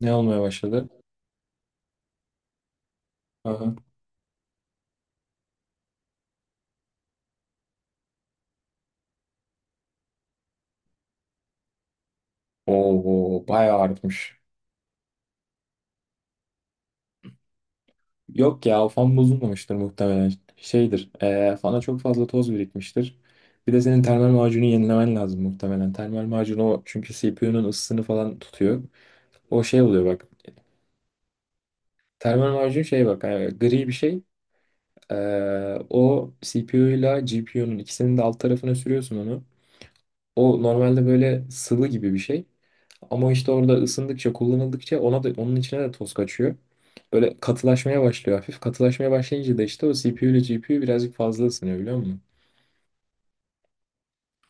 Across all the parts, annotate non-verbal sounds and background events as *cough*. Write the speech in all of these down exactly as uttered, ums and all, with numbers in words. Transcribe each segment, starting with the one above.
Ne olmaya başladı? Aha. Oo, bayağı artmış. Yok ya o fan bozulmamıştır muhtemelen. Şeydir. E, fana çok fazla toz birikmiştir. Bir de senin termal macunu yenilemen lazım muhtemelen. Termal macun o, çünkü C P U'nun ısısını falan tutuyor. O şey oluyor bak. Termal macun şey bak, e, gri bir şey. E, O C P U ile G P U'nun ikisinin de alt tarafına sürüyorsun onu. O normalde böyle sıvı gibi bir şey. Ama işte orada ısındıkça, kullanıldıkça ona da, onun içine de toz kaçıyor. Böyle katılaşmaya başlıyor hafif. Katılaşmaya başlayınca da işte o C P U ile G P U birazcık fazla ısınıyor, biliyor musun?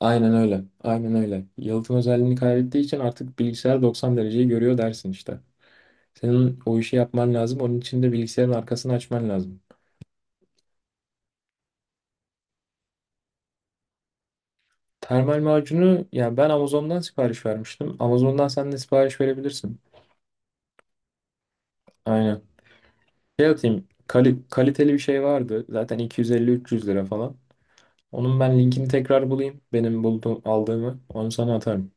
Aynen öyle. Aynen öyle. Yalıtım özelliğini kaybettiği için artık bilgisayar doksan dereceyi görüyor dersin işte. Senin o işi yapman lazım. Onun için de bilgisayarın arkasını açman lazım. Termal macunu yani ben Amazon'dan sipariş vermiştim. Amazon'dan sen de sipariş verebilirsin. Aynen. Şey atayım. Kali- kaliteli bir şey vardı. Zaten iki yüz elli üç yüz lira falan. Onun ben linkini tekrar bulayım, benim bulduğum, aldığımı. Onu sana atarım.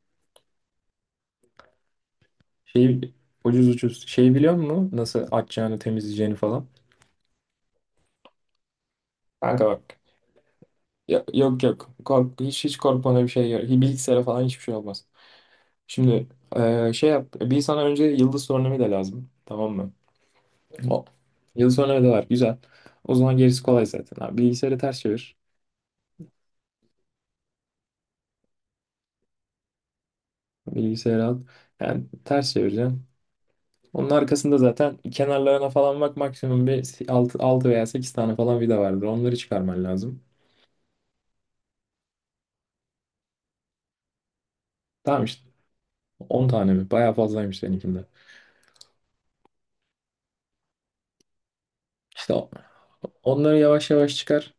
Şey, ucuz ucuz. Şey, biliyor musun? Nasıl açacağını, temizleyeceğini falan. Kanka bak. Ya- Yok yok. Kork, hiç hiç korkmana bir şey yok. Hi- Bilgisayara falan hiçbir şey olmaz. Şimdi eee, şey yap. Bir sana önce yıldız sorunumuyla lazım. Tamam mı? O. Yıldız sorunumuyla var. Güzel. O zaman gerisi kolay zaten. Abi, bilgisayarı ters çevir. Bilgisayarı al. Yani ters çevireceksin. Onun arkasında zaten, kenarlarına falan bak, maksimum bir altı, altı veya sekiz tane falan vida vardır. Onları çıkarman lazım. Tamam işte, on tane mi? Bayağı fazlaymış seninkinde. İşte o- onları yavaş yavaş çıkar.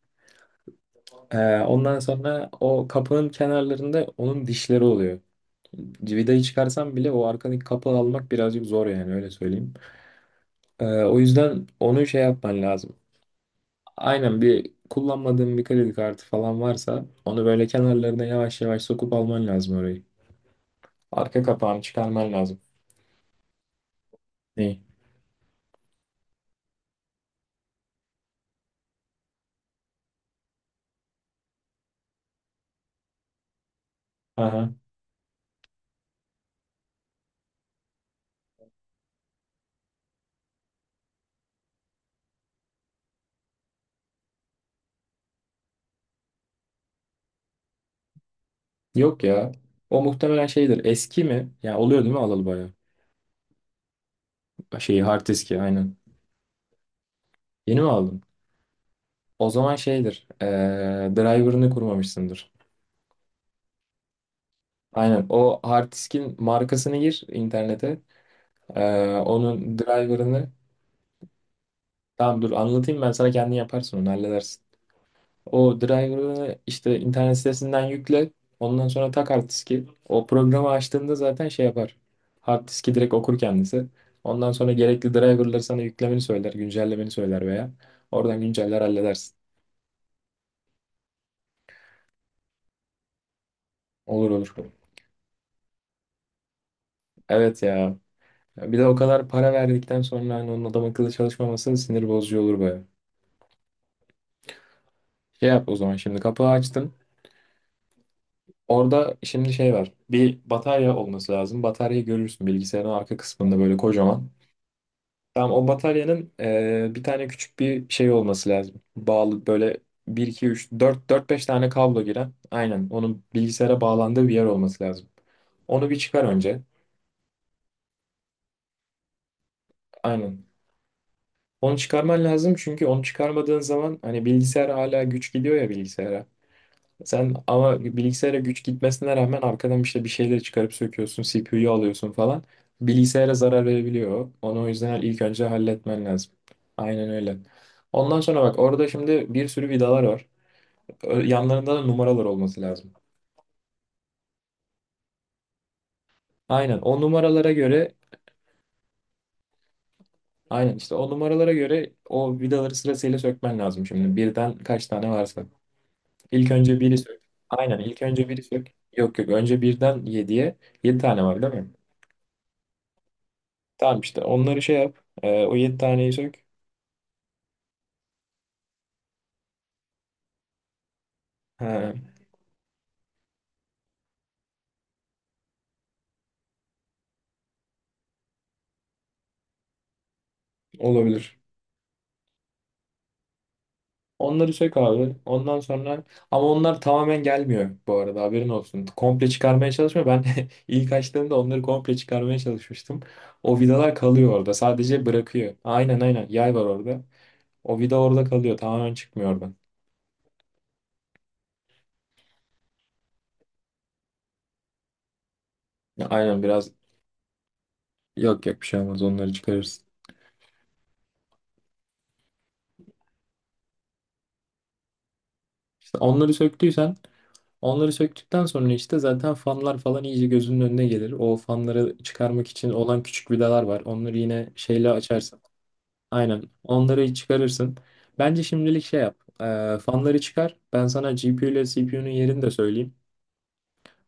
Ee, ondan sonra o kapının kenarlarında onun dişleri oluyor. Vidayı çıkarsan bile o arkadaki kapı almak birazcık zor, yani öyle söyleyeyim. Ee, o yüzden onu şey yapman lazım. Aynen, bir kullanmadığın bir kredi kartı falan varsa onu böyle kenarlarına yavaş yavaş sokup alman lazım orayı. Arka kapağını çıkarman lazım. Neyi? Aha. Yok ya. O muhtemelen şeydir. Eski mi? Ya oluyor değil mi, alalı bayağı? Şeyi, hard diski aynen. Yeni mi aldın? O zaman şeydir. Ee, driver'ını kurmamışsındır. Aynen. O hard diskin markasını gir internete. Ee, onun driver'ını. Tamam, dur anlatayım ben sana, kendin yaparsın onu, halledersin. O driver'ı işte internet sitesinden yükle. Ondan sonra tak hard diski. O programı açtığında zaten şey yapar, hard diski direkt okur kendisi. Ondan sonra gerekli driver'ları sana yüklemeni söyler, güncellemeni söyler veya oradan günceller, halledersin. Olur olur. Evet ya. Bir de o kadar para verdikten sonra hani onun adam akıllı çalışmaması sinir bozucu olur baya. Şey yap o zaman, şimdi kapağı açtın. Orada şimdi şey var, bir batarya olması lazım. Bataryayı görürsün bilgisayarın arka kısmında böyle kocaman. Tamam, o bataryanın e, bir tane küçük bir şey olması lazım, bağlı böyle bir iki üç dört dört beş tane kablo giren. Aynen. Onun bilgisayara bağlandığı bir yer olması lazım. Onu bir çıkar önce. Aynen. Onu çıkarman lazım, çünkü onu çıkarmadığın zaman hani bilgisayar hala güç gidiyor ya bilgisayara. Sen ama bilgisayara güç gitmesine rağmen arkadan işte bir şeyleri çıkarıp söküyorsun, C P U'yu alıyorsun falan. Bilgisayara zarar verebiliyor. Onu o yüzden ilk önce halletmen lazım. Aynen öyle. Ondan sonra bak, orada şimdi bir sürü vidalar var. Ö- Yanlarında da numaralar olması lazım. Aynen o numaralara göre aynen işte, o numaralara göre o vidaları sırasıyla sökmen lazım şimdi. Birden kaç tane varsa. İlk önce biri sök. Aynen, ilk önce biri sök. Yok yok, önce birden yediye. Yedi tane var değil mi? Tamam işte, onları şey yap. Ee, o yedi taneyi sök. Ha, olabilir. Onları sök abi. Ondan sonra, ama onlar tamamen gelmiyor bu arada, haberin olsun. Komple çıkarmaya çalışmıyor. Ben *laughs* ilk açtığımda onları komple çıkarmaya çalışmıştım. O vidalar kalıyor orada, sadece bırakıyor. Aynen aynen. Yay var orada. O vida orada kalıyor, tamamen çıkmıyor oradan. Ya aynen, biraz. Yok yok, bir şey olmaz. Onları çıkarırsın. İşte onları söktüysen Onları söktükten sonra işte zaten fanlar falan iyice gözünün önüne gelir. O fanları çıkarmak için olan küçük vidalar var. Onları yine şeyle açarsın. Aynen. Onları çıkarırsın. Bence şimdilik şey yap. Ee, fanları çıkar. Ben sana G P U ile C P U'nun yerini de söyleyeyim.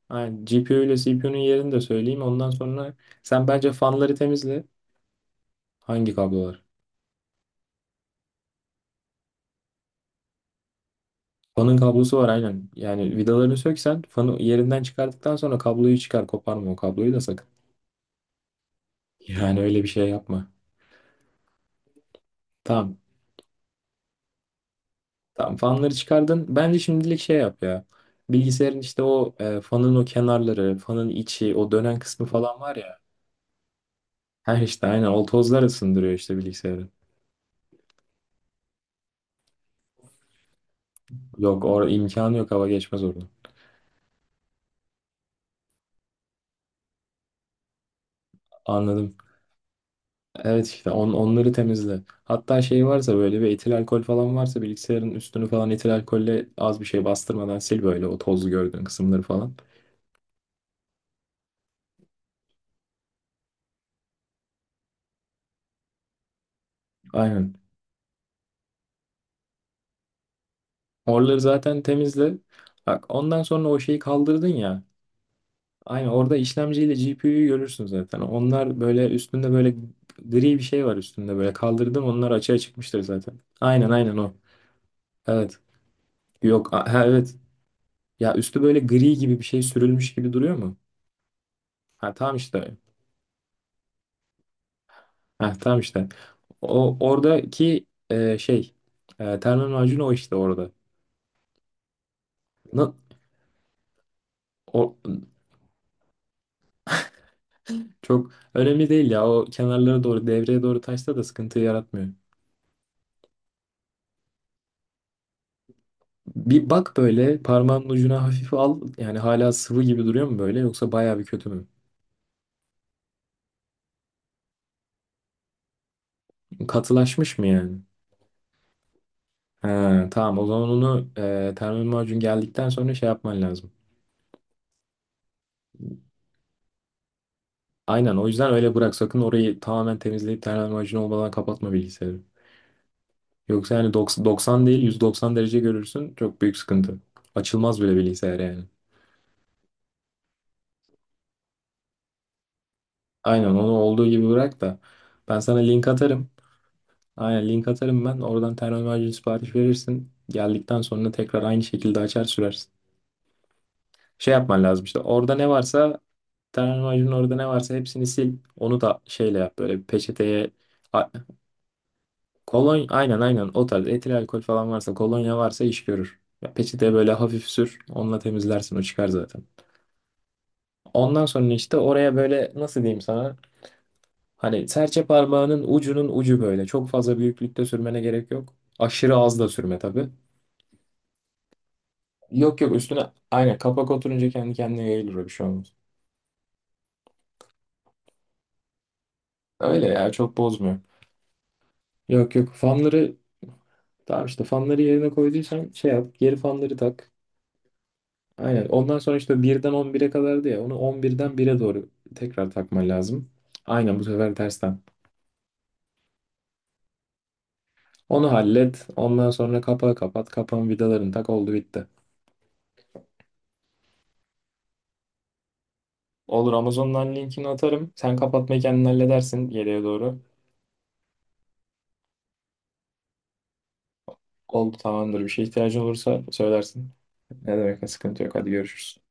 Aynen. G P U ile C P U'nun yerini de söyleyeyim. Ondan sonra sen bence fanları temizle. Hangi kablo var? Fanın kablosu var aynen. Yani vidalarını söksen fanı yerinden çıkardıktan sonra kabloyu çıkar. Koparma o kabloyu da sakın. Yani öyle bir şey yapma. Tamam. Tamam, fanları çıkardın. Bence şimdilik şey yap ya. Bilgisayarın işte o e, fanın o kenarları, fanın içi, o dönen kısmı falan var ya. Her işte aynen o tozlar ısındırıyor işte bilgisayarı. Yok, or imkanı yok hava geçmez orada. Anladım. Evet işte on, onları temizle. Hatta şey varsa, böyle bir etil alkol falan varsa, bilgisayarın üstünü falan etil alkolle, az bir şey bastırmadan sil böyle, o tozlu gördüğün kısımları falan. Aynen. Oraları zaten temizle. Bak, ondan sonra o şeyi kaldırdın ya. Aynen, orada işlemciyle G P U'yu görürsün zaten. Onlar böyle üstünde, böyle gri bir şey var üstünde, böyle kaldırdım onlar, açığa çıkmıştır zaten. Aynen aynen o. Evet. Yok, a- ha, evet. Ya üstü böyle gri gibi bir şey sürülmüş gibi duruyor mu? Ha, tamam işte. Ha, tamam işte. O oradaki e, şey, e, termal macun o, işte orada. Na- o, çok önemli değil ya. O kenarlara doğru, devreye doğru taşsa da sıkıntı yaratmıyor. Bir bak, böyle parmağının ucuna hafif al. Yani hala sıvı gibi duruyor mu böyle, yoksa bayağı bir kötü mü? Katılaşmış mı yani? Ha, tamam, o zaman onu e, termal macun geldikten sonra şey yapman lazım. Aynen, o yüzden öyle bırak, sakın orayı tamamen temizleyip termal macun olmadan kapatma bilgisayarı. Yoksa yani doks- doksan değil, yüz doksan derece görürsün, çok büyük sıkıntı. Açılmaz bile bilgisayar yani. Aynen, onu olduğu gibi bırak da ben sana link atarım. Aynen, link atarım ben. Oradan termometre sipariş verirsin. Geldikten sonra tekrar aynı şekilde açar sürersin. Şey yapman lazım işte. Orada ne varsa Termometrinin orada ne varsa hepsini sil. Onu da şeyle yap, böyle bir peçeteye, a- kolon aynen aynen, o tarz etil alkol falan varsa, kolonya varsa iş görür. Ya peçeteye böyle hafif sür, onunla temizlersin, o çıkar zaten. Ondan sonra işte oraya böyle nasıl diyeyim sana, hani serçe parmağının ucunun ucu böyle, çok fazla büyüklükte sürmene gerek yok. Aşırı az da sürme tabii. Yok yok, üstüne aynen kapak oturunca kendi kendine yayılır, o bir şey olmaz. Öyle ya, çok bozmuyor. Yok yok, fanları tamam işte, fanları yerine koyduysan şey yap, geri fanları tak. Aynen, ondan sonra işte birden on bire kadardı ya, onu on birden bire doğru tekrar takman lazım. Aynen, bu sefer tersten. Onu hallet, ondan sonra kapağı kapat, kapağın vidalarını tak, oldu bitti. Olur, Amazon'dan linkini atarım. Sen kapatmayı kendin halledersin geriye doğru. Oldu tamamdır, bir şey ihtiyacın olursa söylersin. Ne demek, sıkıntı yok, hadi görüşürüz.